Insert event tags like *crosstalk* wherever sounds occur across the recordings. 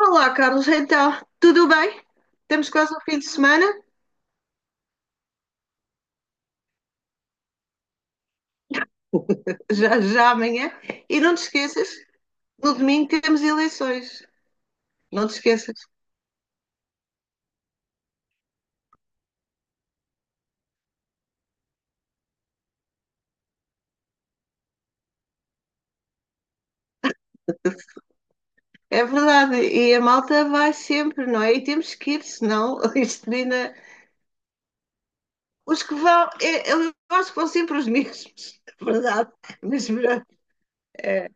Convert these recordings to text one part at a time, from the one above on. Olá, Carlos, então, tudo bem? Temos quase o fim de semana, já, já amanhã. E não te esqueças, no domingo temos eleições. Não te esqueças. É verdade, e a malta vai sempre, não é? E temos que ir, senão *laughs* isto ainda. Os que vão, eu acho que vão sempre os mesmos, *laughs* é verdade. Mas pronto, é,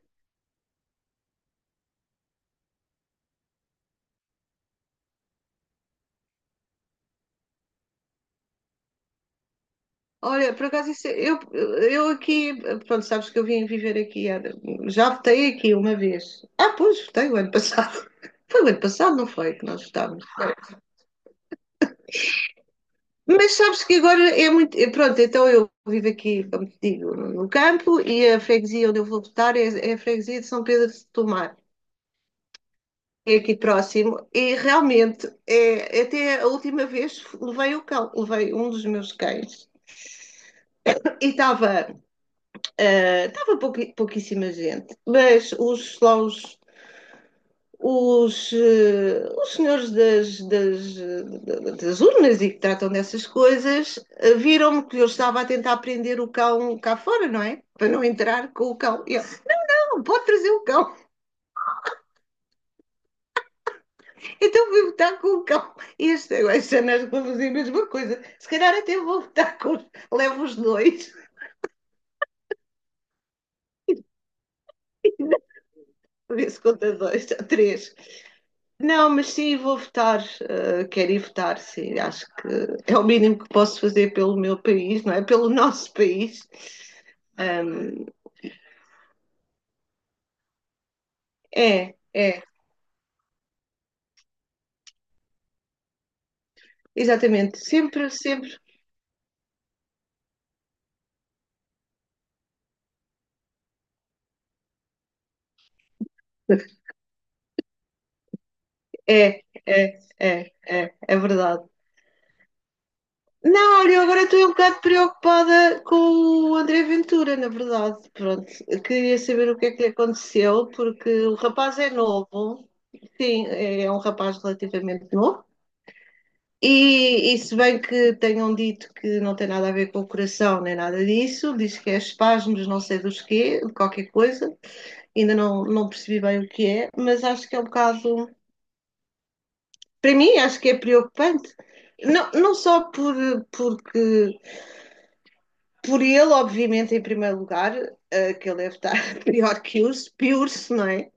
olha, por acaso, isso, eu aqui, pronto, sabes que eu vim viver aqui. Já votei aqui uma vez. Ah, pois, votei o ano passado. *laughs* Foi o ano passado, não foi, que nós votámos. Mas sabes que agora é muito. Pronto, então eu vivo aqui, como te digo, no campo, e a freguesia onde eu vou votar é a freguesia de São Pedro de Tomar. É aqui próximo e realmente é, até a última vez levei o cão, levei um dos meus cães e estava Estava pouquíssima gente, mas os, lá os, eh, os senhores das urnas, e que tratam dessas coisas, viram-me que eu estava a tentar prender o cão cá fora, não é? Para não entrar com o cão. E eu, não, pode trazer o cão. Então vou votar com o cão. E este ano acho que vou fazer a mesma coisa. Se calhar até vou votar com os, levo os dois. *laughs* Vê se conta dois, três. Não, mas sim, vou votar. Quero ir votar, sim. Acho que é o mínimo que posso fazer pelo meu país, não é? Pelo *laughs* nosso país. Ahm, É, é, exatamente. Sempre, sempre. É, é, é, é, é verdade. Não, olha, eu agora estou um bocado preocupada com o André Ventura, na verdade. Pronto, queria saber o que é que lhe aconteceu, porque o rapaz é novo, sim, é um rapaz relativamente novo. E se bem que tenham dito que não tem nada a ver com o coração nem nada disso, diz que é espasmos, não sei dos quê, de qualquer coisa, ainda não percebi bem o que é, mas acho que é um bocado, para mim, acho que é preocupante. Não, não só por, porque, por ele, obviamente, em primeiro lugar, que ele deve estar *laughs* pior que os, pior-se, não é?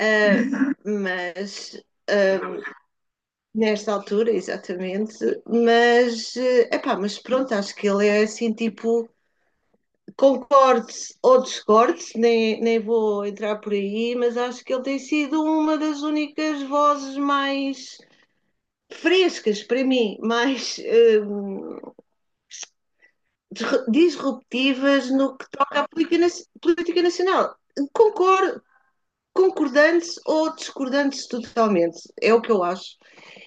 Uh, mas nesta altura, exatamente, mas, uh, epá, mas pronto, acho que ele é assim, tipo, concorde ou discorde, nem vou entrar por aí, mas acho que ele tem sido uma das únicas vozes mais frescas para mim, mais hum, disruptivas no que toca à política nacional. Concordo, concordantes ou discordantes totalmente, é o que eu acho.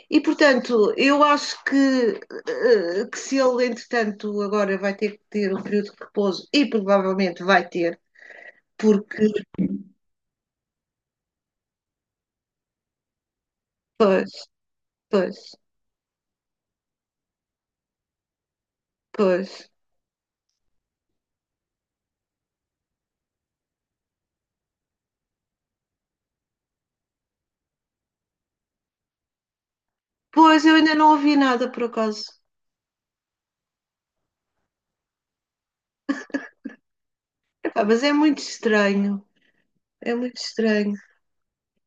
E, portanto, eu acho que, que se ele, entretanto, agora vai ter que ter um período de repouso, e provavelmente vai ter, porque. Pois, pois, pois. Pois, eu ainda não ouvi nada por acaso. Epá, mas é muito estranho. É muito estranho.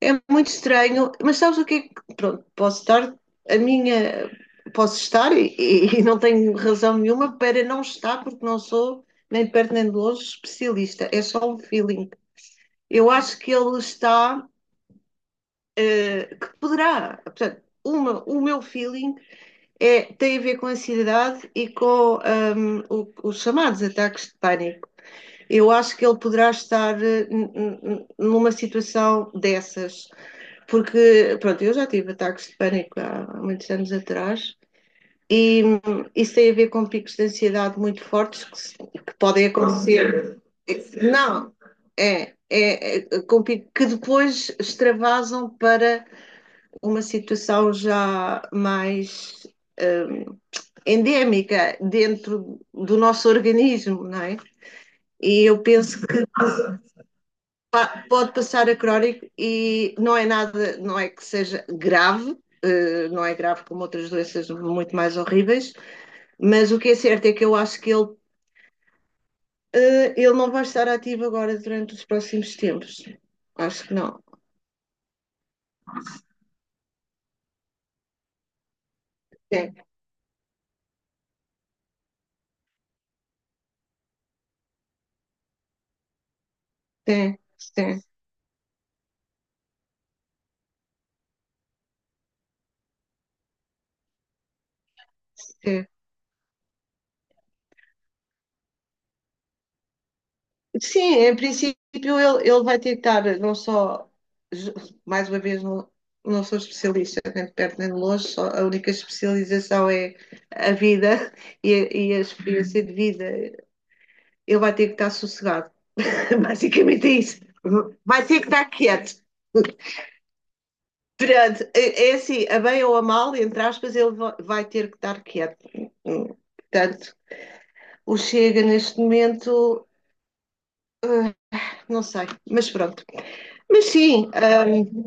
É muito estranho. Mas sabes o que é que. Pronto, posso estar. A minha. Posso estar e não tenho razão nenhuma para não estar, porque não sou, nem de perto nem de longe, especialista. É só um feeling. Eu acho que ele está. Que poderá. Portanto, uma, o meu feeling é, tem a ver com a ansiedade e com os chamados ataques de pânico. Eu acho que ele poderá estar numa situação dessas, porque, pronto, eu já tive ataques de pânico há muitos anos atrás, e isso tem a ver com picos de ansiedade muito fortes que podem acontecer. Não, com que depois extravasam para uma situação já mais hum, endémica dentro do nosso organismo, não é? E eu penso que pode passar a crónico, e não é nada, não é que seja grave, não é grave como outras doenças muito mais horríveis, mas o que é certo é que eu acho que ele, ele não vai estar ativo agora durante os próximos tempos. Acho que não. Sim, sim, sim, sim. Sim, em princípio ele vai ter que estar não só, ju- mais uma vez, não, não sou especialista, nem de perto nem de longe, só, a única especialização é a vida e a experiência de vida. Ele vai ter que estar sossegado, *laughs* basicamente é isso. Vai ter que estar quieto. Perante, é assim, a bem ou a mal, entre aspas, ele vai ter que estar quieto. Hum, Portanto, o Chega neste momento, eh, não sei, mas pronto. Mas sim.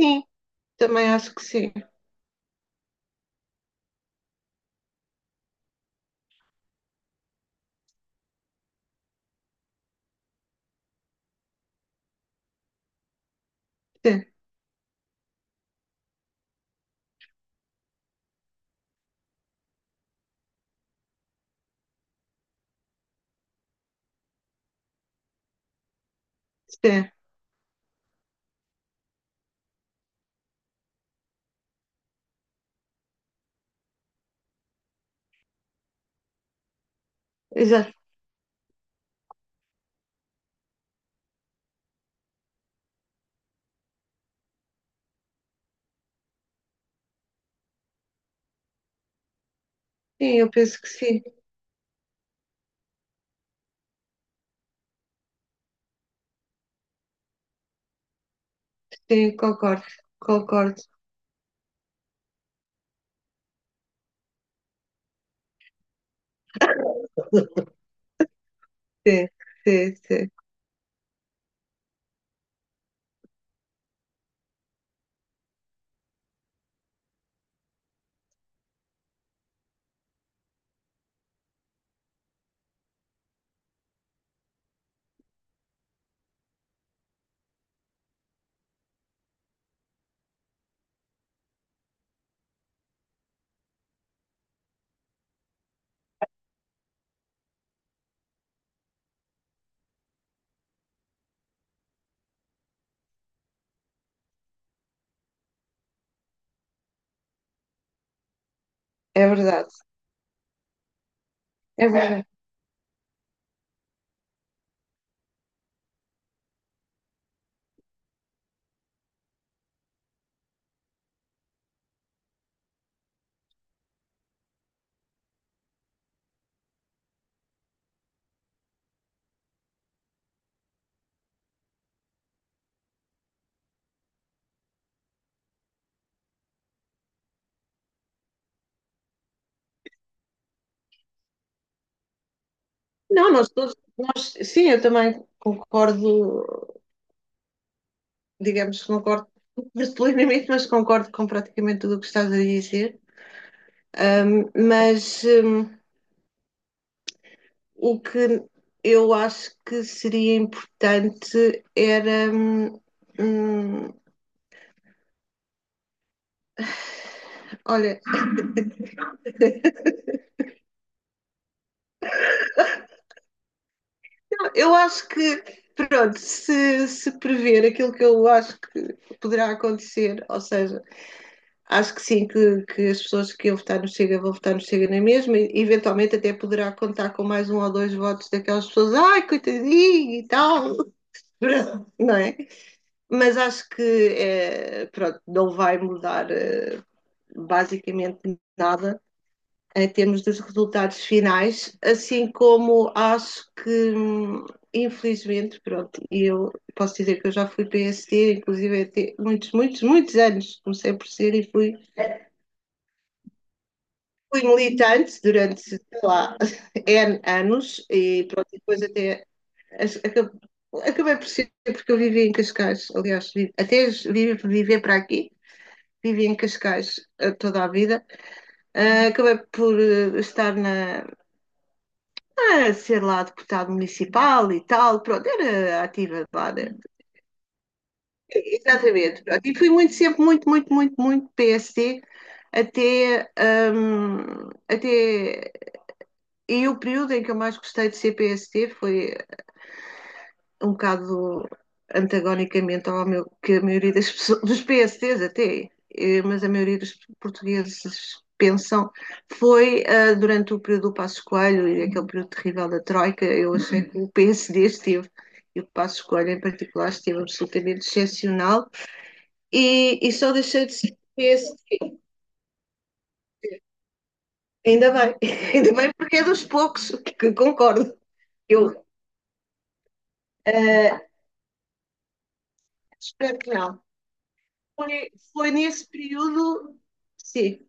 Sim, também acho que sim. Sim, sim, exato. Sim, eu penso que sim. Sim, concordo, concordo. Sim, sim, sim. É verdade, é verdade. Não, nós todos, nós, sim, eu também concordo, digamos que concordo *laughs* plenamente, mas concordo com praticamente tudo o que estás a dizer. Mas o que eu acho que seria importante era. hum, Olha, eu acho que, pronto, se prever aquilo que eu acho que poderá acontecer, ou seja, acho que sim, que as pessoas que iam votar no Chega vão votar no Chega na mesma, e eventualmente até poderá contar com mais um ou dois votos daquelas pessoas, ai, coitadinho e tal, *laughs* não é? Mas acho que, é, pronto, não vai mudar é, basicamente nada em termos dos resultados finais, assim como acho que, infelizmente, pronto, eu posso dizer que eu já fui PSD, inclusive até muitos, muitos, muitos anos, comecei por ser e fui militante durante, sei lá, *laughs* N anos, e pronto, depois até acabei por ser, porque eu vivi em Cascais, aliás, vivi, até vivi, viver para aqui, vivi em Cascais, toda a vida. Acabei por estar na, a ser lá deputado municipal e tal, pronto, era ativa lá dentro. Exatamente, pronto. E fui muito, sempre muito, muito, muito, muito PSD até, até. E o período em que eu mais gostei de ser PSD foi um bocado antagonicamente ao meu, que a maioria das pessoas, dos PSTs, mas a maioria dos portugueses pensam, foi durante o período do Passos Coelho e aquele período terrível da Troika. Eu achei que o PSD esteve, e o Passos Coelho em particular, esteve absolutamente excepcional, e só deixei de ser PSD, ainda bem, *laughs* ainda bem porque é dos poucos que concordo, eu ah, espero que não. Foi nesse período, sim.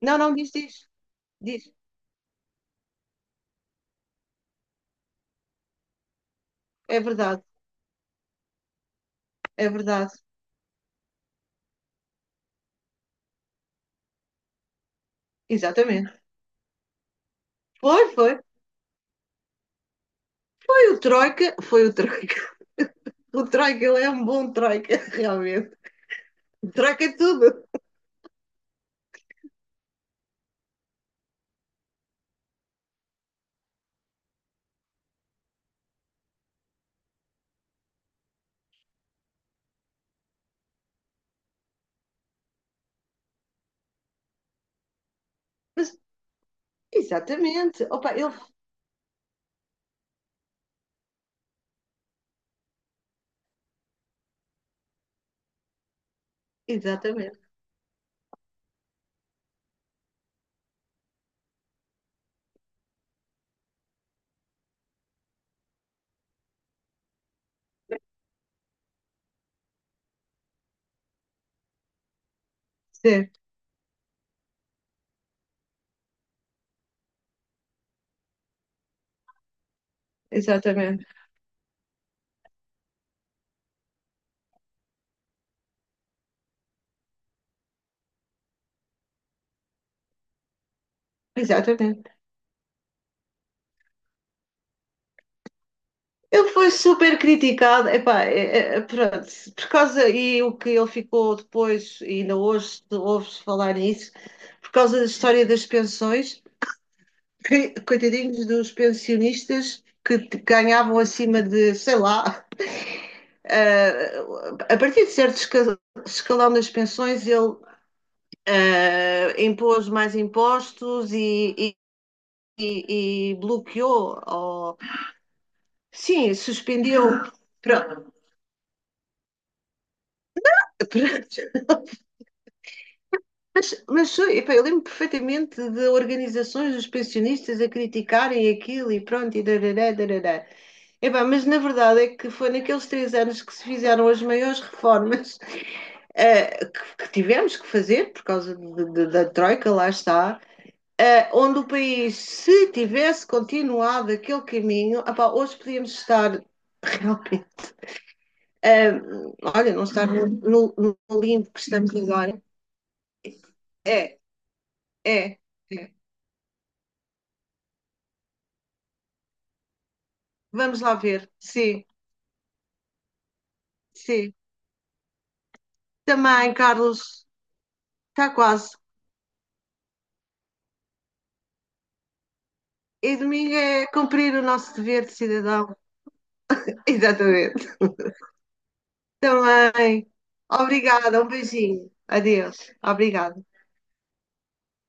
Não, não, diz, diz, diz. É verdade, é verdade. Exatamente. Foi, foi. Foi o Troika, foi o Troika. O Troika, ele é um bom Troika, *laughs* realmente. O Troika é tudo. Mas, exatamente. Opa, ele. Exatamente. Certo, exatamente. Exatamente. Ele foi super criticado, epá, pronto, por causa, e o que ele ficou depois, e ainda hoje se falar nisso, por causa da história das pensões. Coitadinhos dos pensionistas que ganhavam acima de, sei lá, eh, a partir de certo escalão das pensões, ele impôs mais impostos, e bloqueou, ou, sim, suspendeu. Pronto, *laughs* pronto. Mas epá, eu lembro perfeitamente de organizações dos pensionistas a criticarem aquilo, e pronto, e darará, darará. Epá, mas na verdade é que foi naqueles 3 anos que se fizeram as maiores reformas *laughs* que tivemos que fazer por causa da Troika, lá está, onde o país, se tivesse continuado aquele caminho, epá, hoje podíamos estar *laughs* realmente, eh, olha, não estar no, no limbo que estamos agora. É, é. É. Vamos lá ver. Sim, sim. Também, Carlos, está quase. E domingo é cumprir o nosso dever de cidadão. *laughs* Exatamente. Também. Obrigada, um beijinho. Adeus. Obrigada.